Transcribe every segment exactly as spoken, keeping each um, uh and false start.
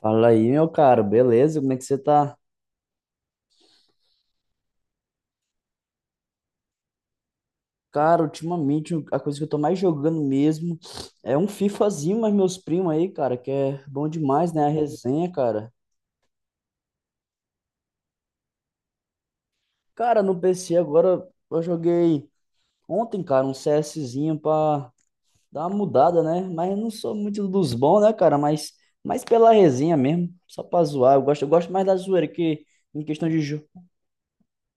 Fala aí, meu caro, beleza? Como é que você tá? Cara, ultimamente a coisa que eu tô mais jogando mesmo é um FIFAzinho, mas meus primos aí, cara, que é bom demais, né? A resenha, cara. Cara, no P C agora eu joguei ontem, cara, um CSzinho pra dar uma mudada, né? Mas eu não sou muito dos bons, né, cara? Mas, mas pela resenha mesmo, só pra zoar. Eu gosto, eu gosto mais da zoeira que em questão de, jo-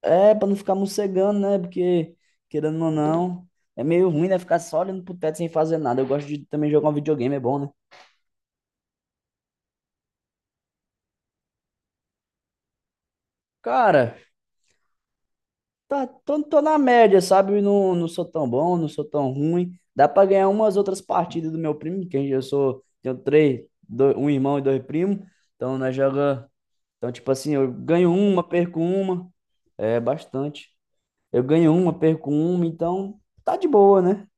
É, pra não ficar morcegando, né? Porque, querendo ou não, é meio ruim, né? Ficar só olhando pro teto sem fazer nada. Eu gosto de também jogar um videogame, é bom, né? Cara, tá, tô, tô na média, sabe? Não, não sou tão bom, não sou tão ruim. Dá pra ganhar umas outras partidas do meu primo, que eu sou, tenho três, dois- um irmão e dois primos. Então, nós joga. Então, tipo assim, eu ganho uma, perco uma. É bastante. Eu ganho uma, perco uma, então tá de boa, né?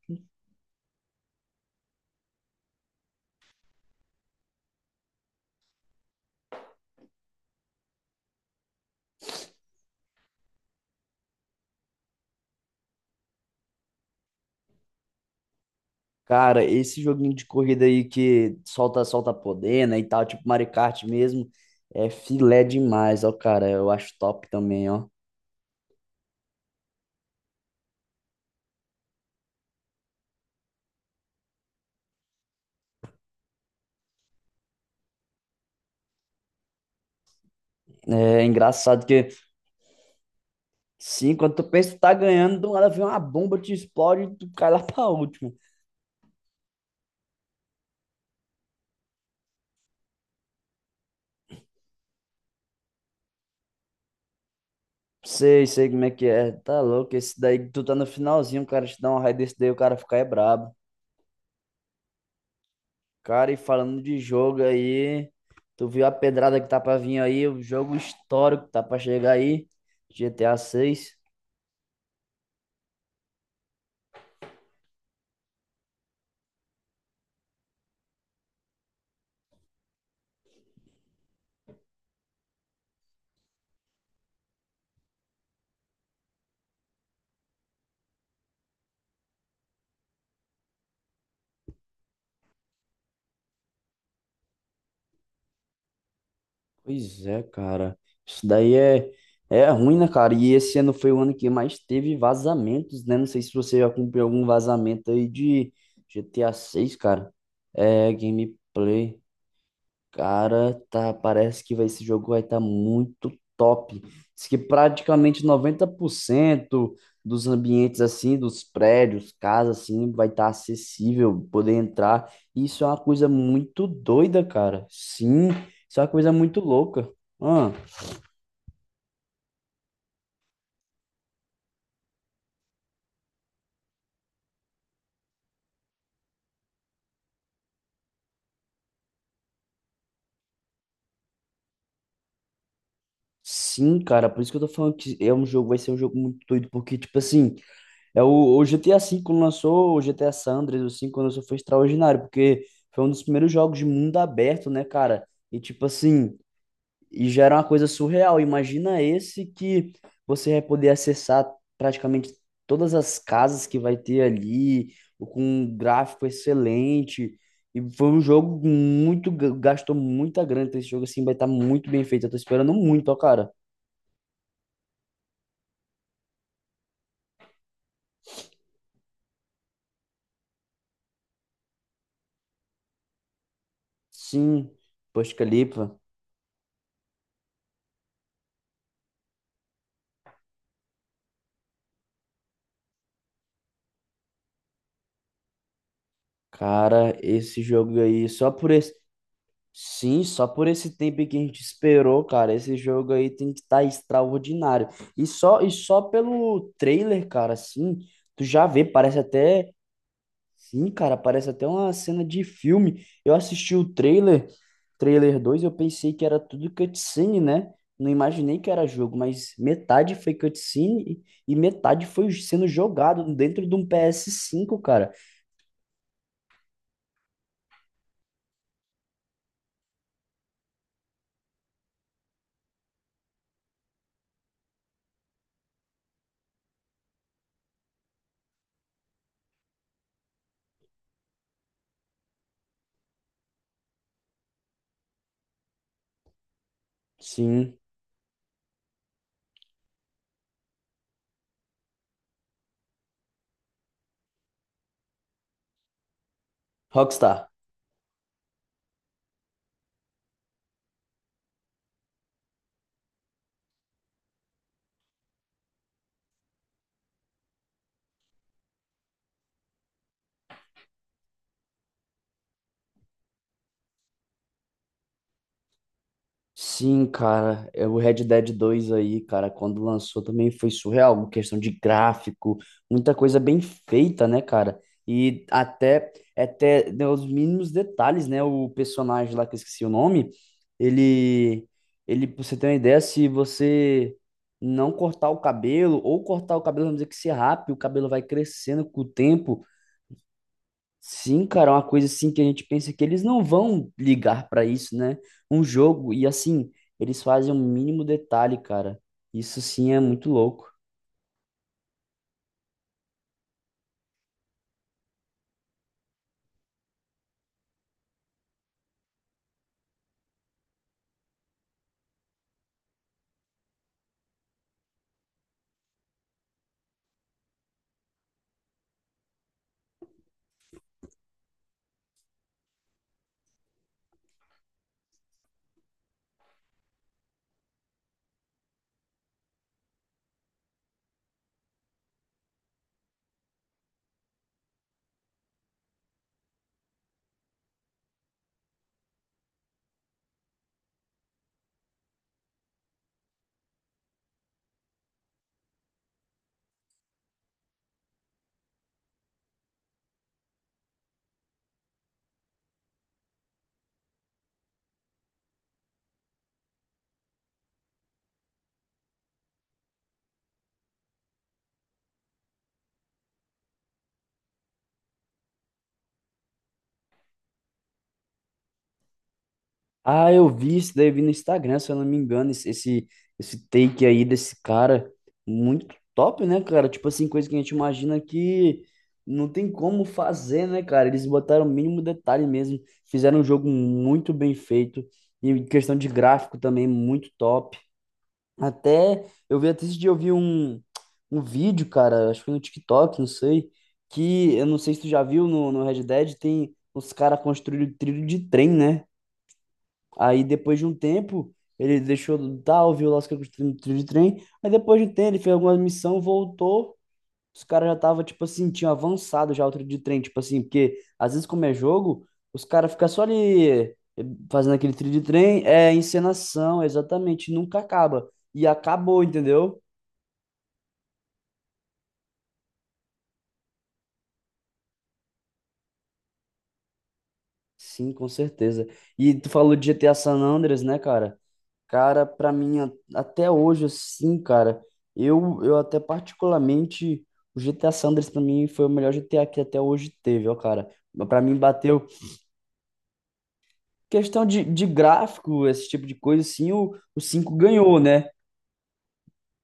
Cara, esse joguinho de corrida aí que solta, solta poder, né, e tal, tipo Mario Kart mesmo, é filé demais, ó, cara, eu acho top também, ó. É engraçado que, sim, quando tu pensa que tá ganhando, do nada vem uma bomba, te explode e tu cai lá pra último. Sei, sei como é que é, tá louco, esse daí que tu tá no finalzinho, o cara te dá um raio desse daí, o cara fica é brabo. Cara, e falando de jogo aí, tu viu a pedrada que tá pra vir aí, o jogo histórico que tá pra chegar aí, G T A seis. Pois é, cara. Isso daí é, é ruim, né, cara? E esse ano foi o ano que mais teve vazamentos, né? Não sei se você já cumpriu algum vazamento aí de G T A seis, cara. É, gameplay. Cara, tá, parece que vai, esse jogo vai estar muito top. Diz que praticamente noventa por cento dos ambientes assim, dos prédios, casas assim, vai estar acessível, poder entrar. Isso é uma coisa muito doida, cara. Sim, isso é uma coisa muito louca. Ah, sim, cara, por isso que eu tô falando que é um jogo, vai ser um jogo muito doido, porque tipo assim, é o, o G T A cinco quando lançou, o G T A San Andreas, o cinco quando lançou foi extraordinário, porque foi um dos primeiros jogos de mundo aberto, né, cara? E tipo assim, e já era uma coisa surreal. Imagina esse que você vai poder acessar praticamente todas as casas que vai ter ali, com um gráfico excelente. E foi um jogo muito, ga- gastou muita grana. Então esse jogo assim vai estar muito bem feito. Eu tô esperando muito, ó, cara. Sim, poxa Calippa. Cara, esse jogo aí, só por esse. Sim, só por esse tempo que a gente esperou, cara, esse jogo aí tem que estar extraordinário. E só e só pelo trailer, cara, assim, tu já vê, parece até, sim, cara, parece até uma cena de filme. Eu assisti o trailer, trailer dois, eu pensei que era tudo cutscene, né? Não imaginei que era jogo, mas metade foi cutscene e e metade foi sendo jogado dentro de um P S cinco, cara. Sim, Rockstar. Sim, cara, é o Red Dead dois aí, cara, quando lançou também foi surreal, uma questão de gráfico, muita coisa bem feita, né, cara? E até, até né, os mínimos detalhes, né? O personagem lá que eu esqueci o nome, ele, ele, pra você ter uma ideia, se você não cortar o cabelo, ou cortar o cabelo, vamos dizer que se rape, o cabelo vai crescendo com o tempo. Sim, cara, é uma coisa assim que a gente pensa que eles não vão ligar pra isso, né? Um jogo, e assim, eles fazem um mínimo detalhe, cara. Isso sim é muito louco. Ah, eu vi isso daí, vi no Instagram, se eu não me engano, esse, esse esse take aí desse cara. Muito top, né, cara? Tipo assim, coisa que a gente imagina que não tem como fazer, né, cara? Eles botaram o mínimo detalhe mesmo. Fizeram um jogo muito bem feito. E em questão de gráfico também, muito top. Até eu vi até esse dia eu vi um, um vídeo, cara, acho que foi no TikTok, não sei, que eu não sei se tu já viu no, no Red Dead, tem os caras construíram trilho de trem, né? Aí depois de um tempo, ele deixou do tal, viu lá os caras construindo trilho de trem, aí depois de um tempo ele fez alguma missão, voltou os caras já tava, tipo assim, tinham avançado já o tiro de trem, tipo assim, porque às vezes como é jogo, os caras ficam só ali, eh, fazendo aquele tiro de trem, é encenação, exatamente, nunca acaba. E acabou, entendeu? Sim, com certeza. E tu falou de G T A San Andreas, né, cara? Cara, pra mim, a- até hoje, assim, cara, eu, eu até particularmente, o G T A San Andreas pra mim foi o melhor G T A que até hoje teve, ó, cara. Pra mim bateu, questão de, de gráfico, esse tipo de coisa, sim, o, o cinco ganhou, né?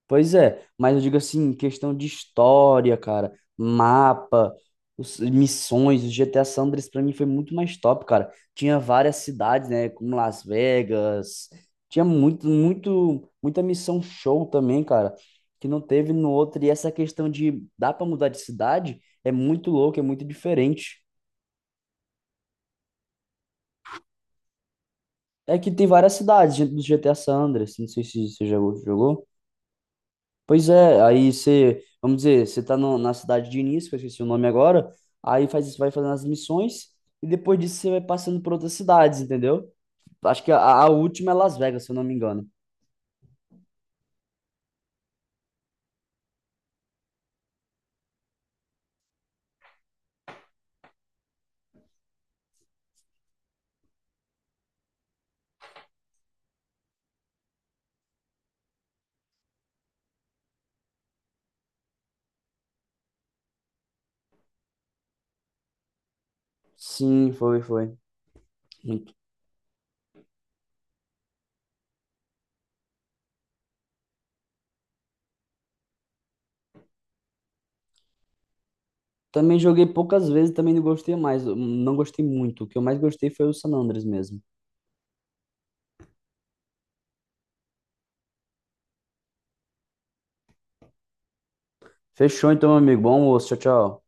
Pois é, mas eu digo assim, questão de história, cara, mapa, os- missões, o G T A San Andreas pra mim foi muito mais top, cara. Tinha várias cidades, né, como Las Vegas, tinha muito, muito, muita missão show também, cara, que não teve no outro. E essa questão de dá pra mudar de cidade é muito louco, é muito diferente. É que tem várias cidades dentro do G T A San Andreas, não sei se você já jogou. Pois é, aí você, vamos dizer, você tá no- na cidade de início, que eu esqueci o nome agora, aí faz isso, vai fazendo as missões, e depois disso você vai passando por outras cidades, entendeu? Acho que a, a última é Las Vegas, se eu não me engano. Sim, foi, foi. Muito. Também joguei poucas vezes, também não gostei mais, não gostei muito. O que eu mais gostei foi o San Andreas mesmo. Fechou então, meu amigo. Bom almoço, tchau, tchau.